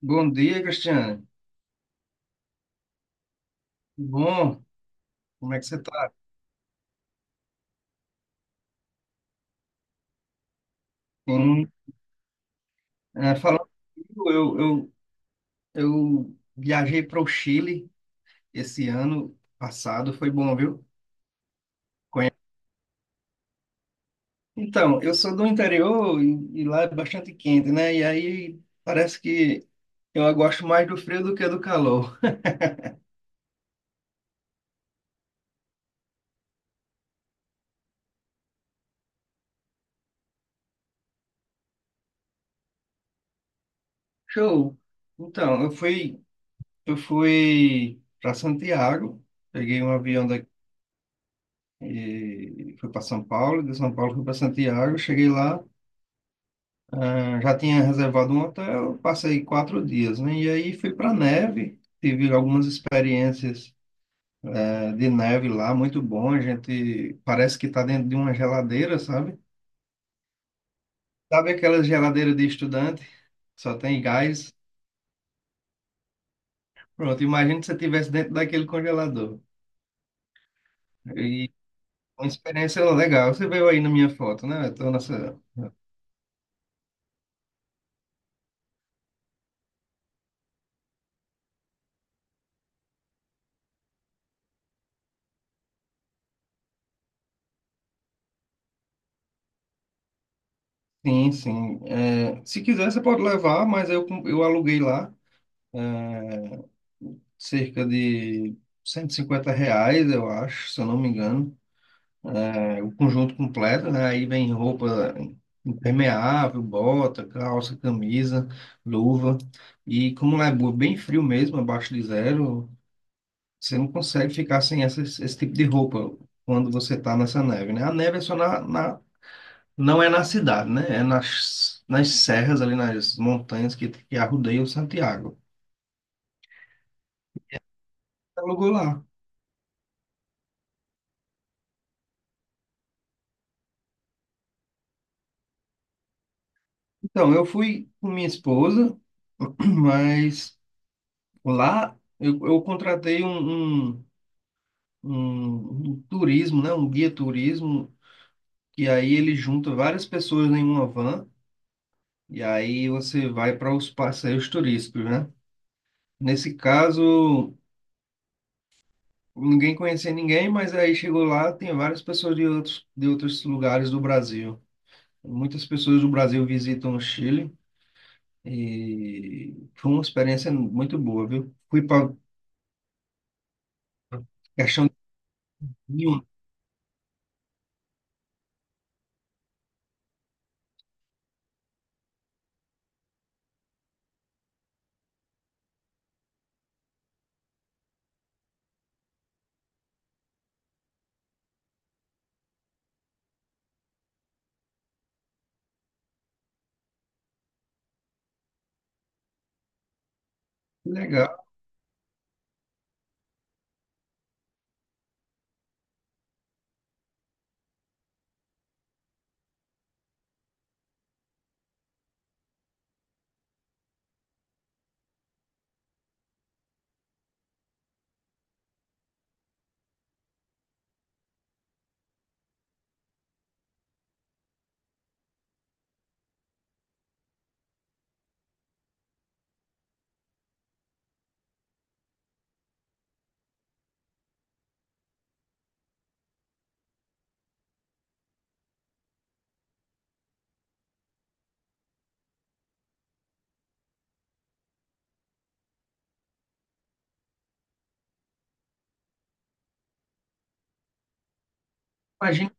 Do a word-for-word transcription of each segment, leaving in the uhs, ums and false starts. Bom dia, Cristiane. Bom, como é que você está? Falando comigo, eu, eu, eu viajei para o Chile esse ano passado, foi bom, viu? Conhe- Então, eu sou do interior e, e lá é bastante quente, né? E aí parece que eu gosto mais do frio do que do calor. Show! Então, eu fui, eu fui para Santiago, peguei um avião daqui, e fui para São Paulo, de São Paulo fui para Santiago, cheguei lá. Ah, já tinha reservado um hotel, passei quatro dias, né? E aí fui para neve, tive algumas experiências eh, de neve lá, muito bom. A gente parece que está dentro de uma geladeira, sabe? Sabe aquelas geladeiras de estudante, que só tem gás? Pronto, imagina se você estivesse dentro daquele congelador. E uma experiência legal. Você veio aí na minha foto, né? Então, nessa... Sim, sim. Eh, se quiser, você pode levar, mas eu, eu aluguei lá. Cerca de cento e cinquenta reais, eu acho, se eu não me engano. É, o conjunto completo, né? Aí vem roupa impermeável, bota, calça, camisa, luva. E como lá é bu- bem frio mesmo, abaixo de zero, você não consegue ficar sem essa, esse tipo de roupa quando você tá nessa neve, né? A neve é só na, na- não é na cidade, né? É nas, nas serras ali, nas montanhas que, que arrodeiam Santiago. Alugou lá. Então, eu fui com minha esposa, mas lá eu, eu contratei um, um, um- um turismo, né? Um guia turismo, que aí ele junta várias pessoas em uma van, e aí você vai para os passeios turísticos, né? Nesse caso, ninguém conhecia ninguém, mas aí chegou lá, tem várias pessoas de outros, de outros lugares do Brasil. Muitas pessoas do Brasil visitam o Chile, e foi uma experiência muito boa, viu? Fui para Rio, que legal. Imagino,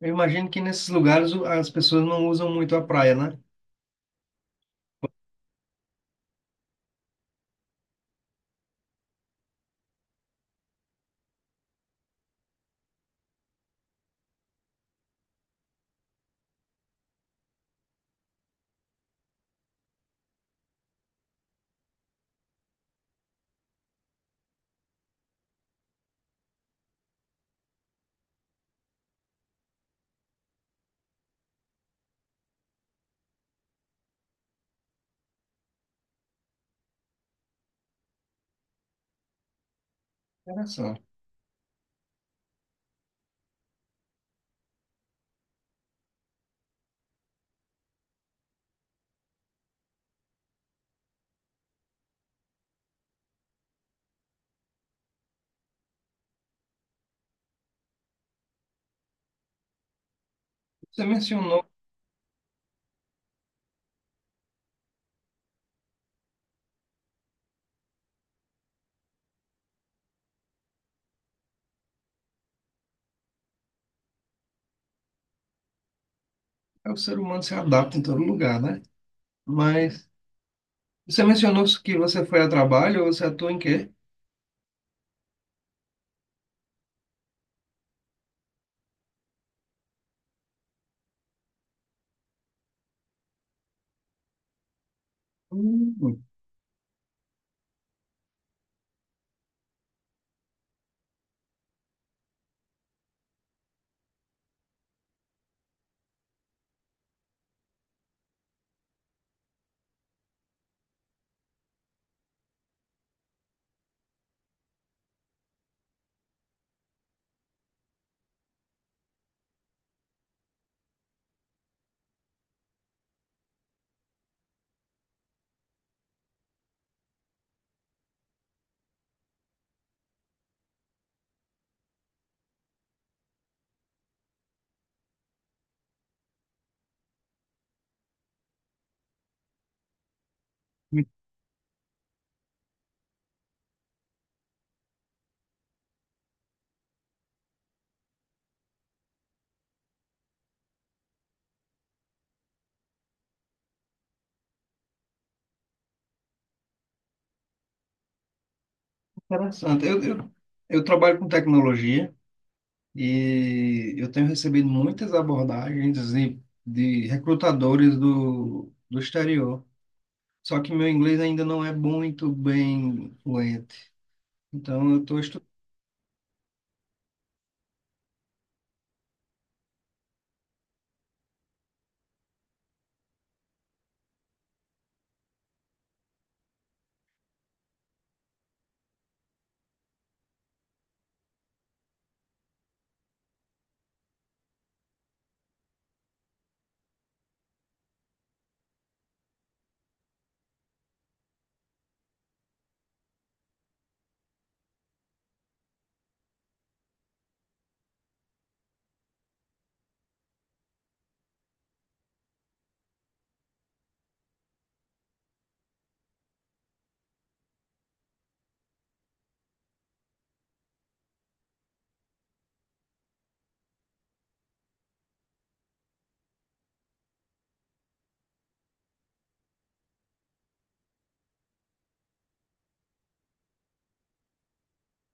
eu imagino que nesses lugares o- as pessoas não usam muito a praia, né? Interessante. Você mencionou que o ser humano se adapta em todo lugar, né? Mas você mencionou que você foi a trabalho, você atua em quê? Hum, muito interessante. Eu, eu, eu trabalho com tecnologia e eu tenho recebido muitas abordagens de, de recrutadores do, do exterior. Só que meu inglês ainda não é muito bem fluente. Então, eu estou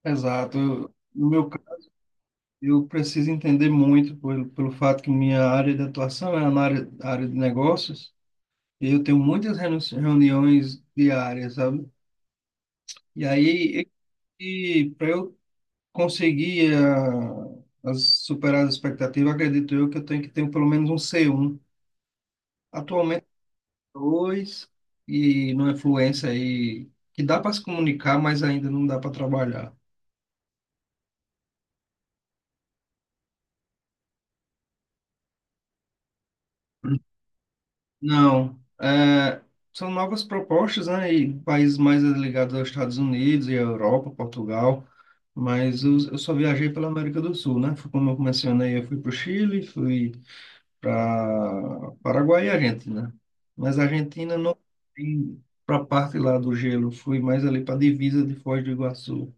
exato. Eu- no meu caso, eu preciso entender muito pelo, pelo fato que minha área de atuação é na área, área de negócios e eu tenho muitas renu- reuniões diárias, sabe? E aí, para eu conseguir ah, as- superar as expectativas, acredito eu que eu tenho que ter pelo menos um c um. Atualmente, dois e numa fluência aí que dá para se comunicar, mas ainda não dá para trabalhar. Não, é, são novas propostas, né? E países mais ligados aos Estados Unidos e à Europa, Portugal, mas eu, eu só viajei pela América do Sul, né? Foi como eu mencionei, eu fui para o Chile, fui para Paraguai e Argentina. Mas a Argentina não fui para a parte lá do gelo, fui mais ali para a divisa de Foz do Iguaçu.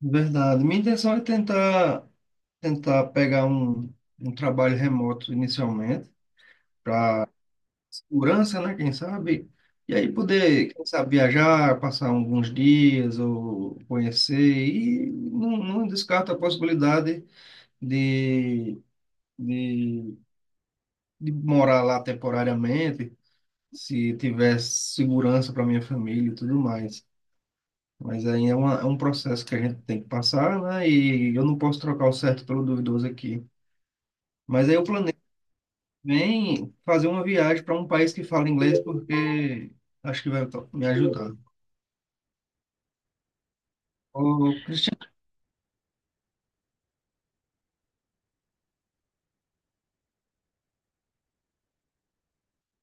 Verdade. Minha intenção é tentar, tentar pegar um, um trabalho remoto inicialmente. Segurança, né? Quem sabe? E aí poder, quem sabe, viajar, passar alguns dias ou conhecer. E não, não descarto a possibilidade de, de, de morar lá temporariamente, se tiver segurança para minha família e tudo mais. Mas aí é uma, é um processo que a gente tem que passar, né? E eu não posso trocar o certo pelo duvidoso aqui. Mas aí eu planejo bem fazer uma viagem para um país que fala inglês, porque acho que vai me ajudar. Ô, Cristiano,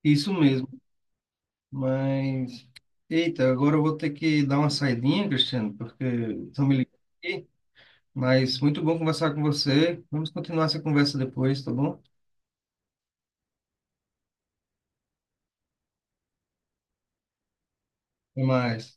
isso mesmo, mas eita, agora eu vou ter que dar uma saidinha, Cristiano, porque estão me ligando aqui, mas muito bom conversar com você. Vamos continuar essa conversa depois, tá bom? Até mais.